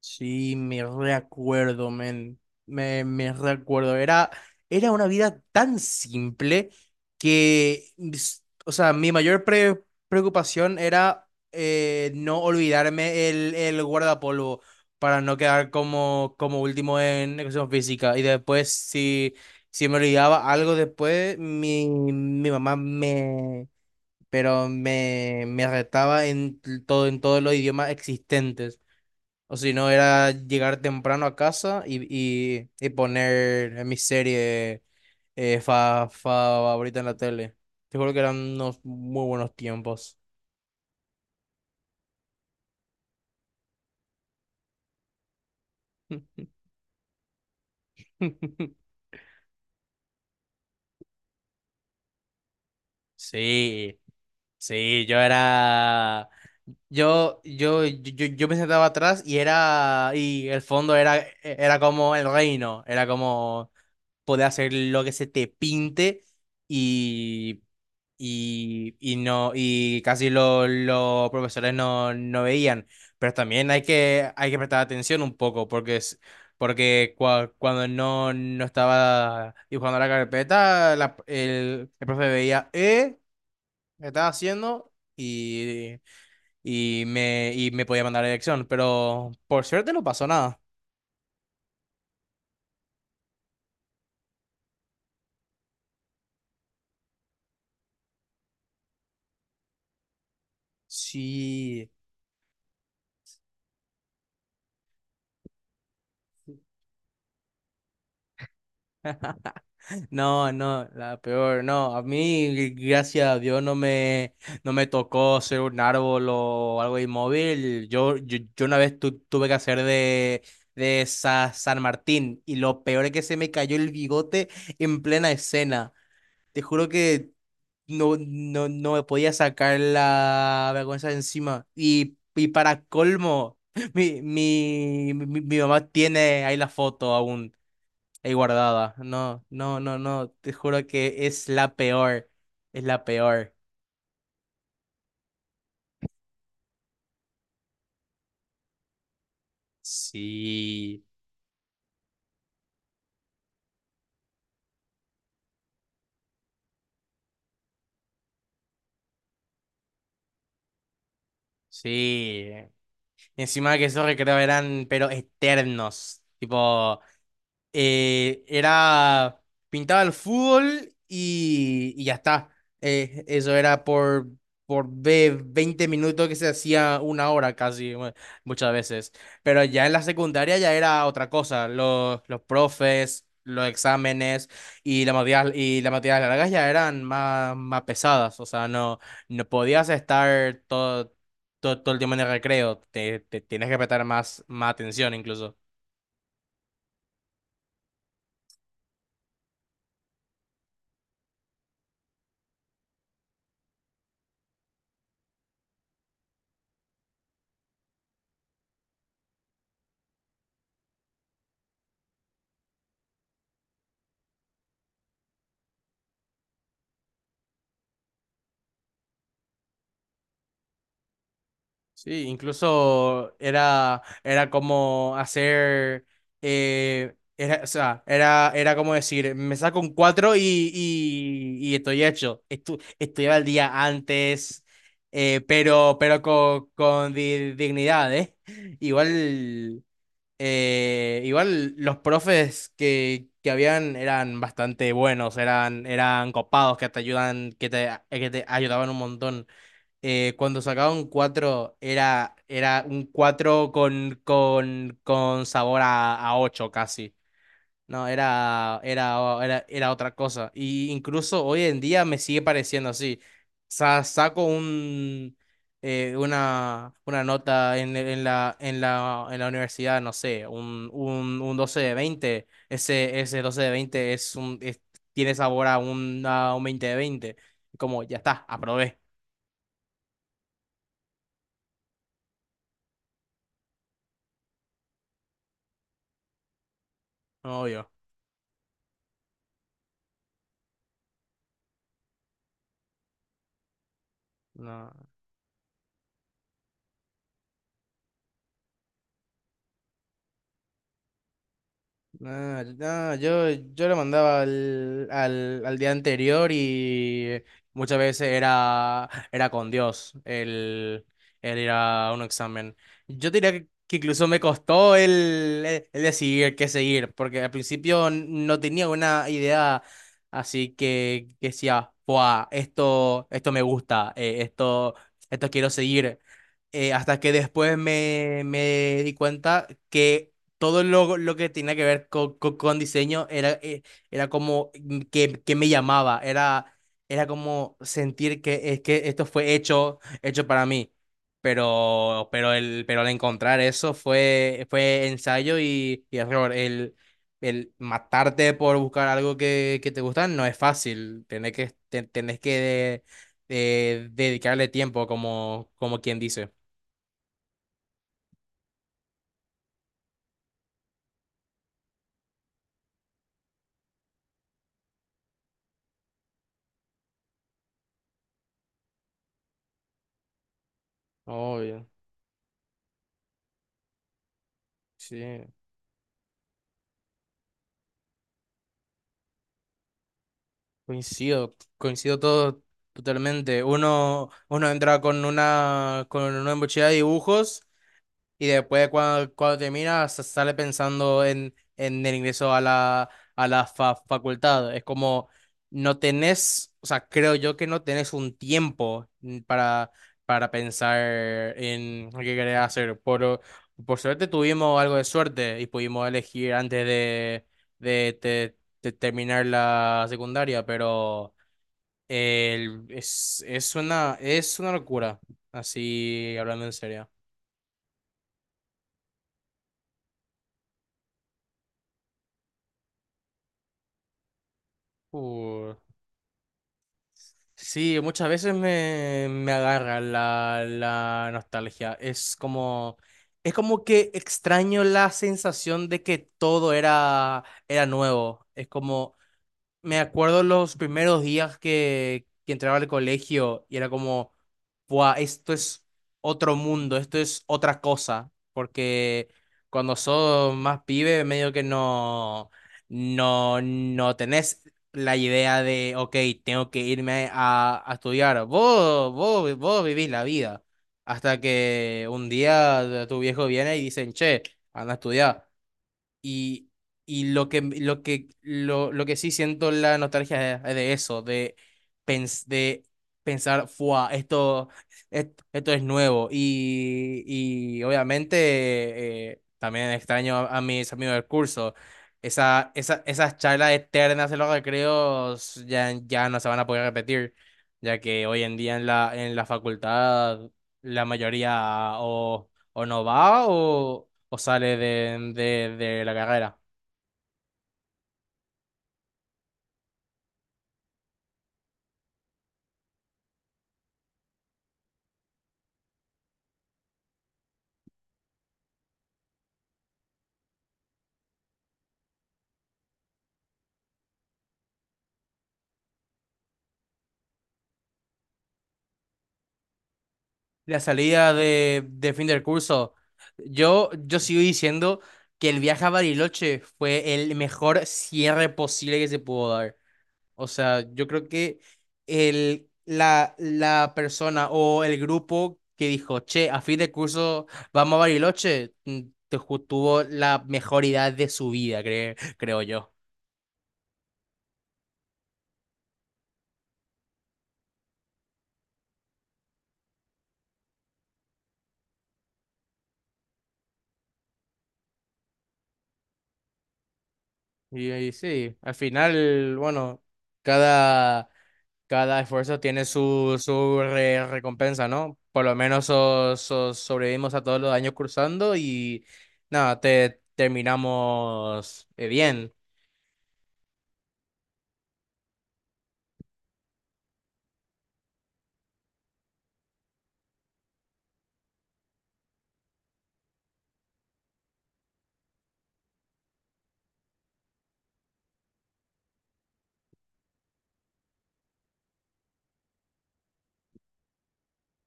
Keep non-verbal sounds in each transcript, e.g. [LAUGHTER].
Sí, me reacuerdo, men. Me reacuerdo. Era era una vida tan simple que, o sea, mi mayor preocupación era no olvidarme el guardapolvo para no quedar como, como último en educación física. Y después, si me olvidaba algo después, mi mamá me, pero me retaba en todo, en todos los idiomas existentes. O si no, era llegar temprano a casa y poner en mi serie favorita en la tele. Te juro que eran unos muy buenos tiempos. [LAUGHS] Sí, sí, yo era. Yo me sentaba atrás y era. Y el fondo era, era como el reino. Era como, podés hacer lo que se te pinte y, y no, y casi los profesores no, no veían. Pero también hay que prestar atención un poco, porque es, porque cuando no, no estaba dibujando la carpeta, el profe veía, ¿qué estás haciendo? Y me podía mandar a la dirección, pero por suerte no pasó nada. Sí. No, no, la peor, no. A mí, gracias a Dios, no me, no me tocó ser un árbol o algo inmóvil. Yo una vez tuve que hacer de San Martín y lo peor es que se me cayó el bigote en plena escena. Te juro que no, no, no me podía sacar la vergüenza de encima. Y para colmo, [LAUGHS] mi mamá tiene ahí la foto aún. Ahí guardada. No, no, no, no. Te juro que es la peor. Es la peor. Sí, sí. Y encima que esos recreos eran, pero eternos. Tipo, eh, era, pintaba el fútbol y ya está. Eso era por 20 minutos que se hacía una hora casi, muchas veces. Pero ya en la secundaria ya era otra cosa. Los profes, los exámenes y las materias largas ya eran más, más pesadas. O sea, no, no podías estar todo, todo el tiempo en el recreo. Te tienes que prestar más, más atención incluso. Sí, incluso era, era como hacer, era, o sea, era, era como decir, me saco un 4 y estoy hecho. Estudiaba el día antes, pero con dignidad, ¿eh? Igual, igual los profes que habían eran bastante buenos, eran, eran copados, que te ayudan, que te ayudaban un montón cuando sacaba un 4 era, era un 4 con sabor a 8 casi. No, era, era, era, era otra cosa. Y incluso hoy en día me sigue pareciendo así. Saco un, una nota en la, en la, en la universidad, no sé, un 12 de 20. Ese, ese 12 de 20 es un, tiene sabor a un 20 de 20. Como ya está, aprobé. Obvio. No, no, no, yo lo mandaba al, al, al día anterior y muchas veces era, era con Dios el ir a un examen. Yo diría que incluso me costó el decidir qué seguir, porque al principio no tenía una idea así que decía, "Buah, esto me gusta, esto, esto quiero seguir hasta que después me, me di cuenta que todo lo que tenía que ver con diseño era, era como que me llamaba, era, era como sentir que, es que esto fue hecho, hecho para mí. Pero, el, pero al encontrar eso fue, fue ensayo y error. El matarte por buscar algo que te gusta no es fácil. Tenés que, tenés que dedicarle tiempo, como, como quien dice. Obvio, sí. Coincido, coincido todo totalmente. Uno, uno entra con una mochila de dibujos y después cuando, cuando termina sale pensando en el ingreso a la facultad. Es como no tenés, o sea, creo yo que no tenés un tiempo para pensar en lo que querés hacer. Por suerte tuvimos algo de suerte y pudimos elegir antes de, terminar la secundaria, pero es una locura, así hablando en serio. Uh. Sí, muchas veces me, me agarra la, la nostalgia. Es como que extraño la sensación de que todo era, era nuevo. Es como, me acuerdo los primeros días que entraba al colegio y era como, Buah, esto es otro mundo, esto es otra cosa, porque cuando sos más pibe, medio que no, no, no tenés la idea de, ok, tengo que irme a estudiar. Vos vivís la vida, hasta que un día tu viejo viene y dicen, che, anda a estudiar. Y, y lo que, lo que sí siento la nostalgia es de eso, de, pens- de pensar, ¡fua! Esto, esto es nuevo. Y obviamente también extraño a mis amigos del curso. Esas charlas eternas en los recreos ya, ya no se van a poder repetir, ya que hoy en día en la facultad la mayoría o no va o sale de la carrera. La salida de fin del curso. Yo sigo diciendo que el viaje a Bariloche fue el mejor cierre posible que se pudo dar. O sea, yo creo que el, la persona o el grupo que dijo, che, a fin de curso vamos a Bariloche, te tuvo la mejor idea de su vida, creo yo. Y ahí sí, al final, bueno, cada, cada esfuerzo tiene su, su recompensa, ¿no? Por lo menos sobrevivimos a todos los años cursando y nada, terminamos bien.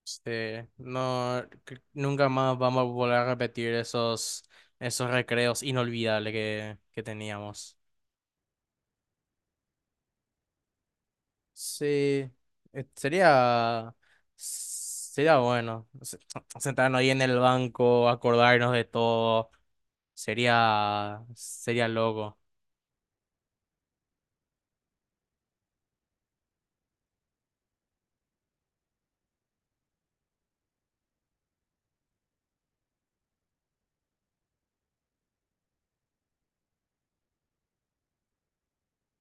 Este, no, nunca más vamos a volver a repetir esos, esos recreos inolvidables que teníamos. Sí, sería, sería bueno sentarnos ahí en el banco, acordarnos de todo, sería, sería loco.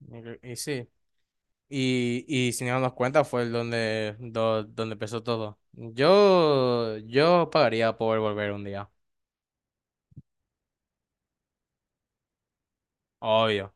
Y sí, y sin darnos cuenta fue el donde, donde empezó todo. Yo pagaría por volver un día, obvio.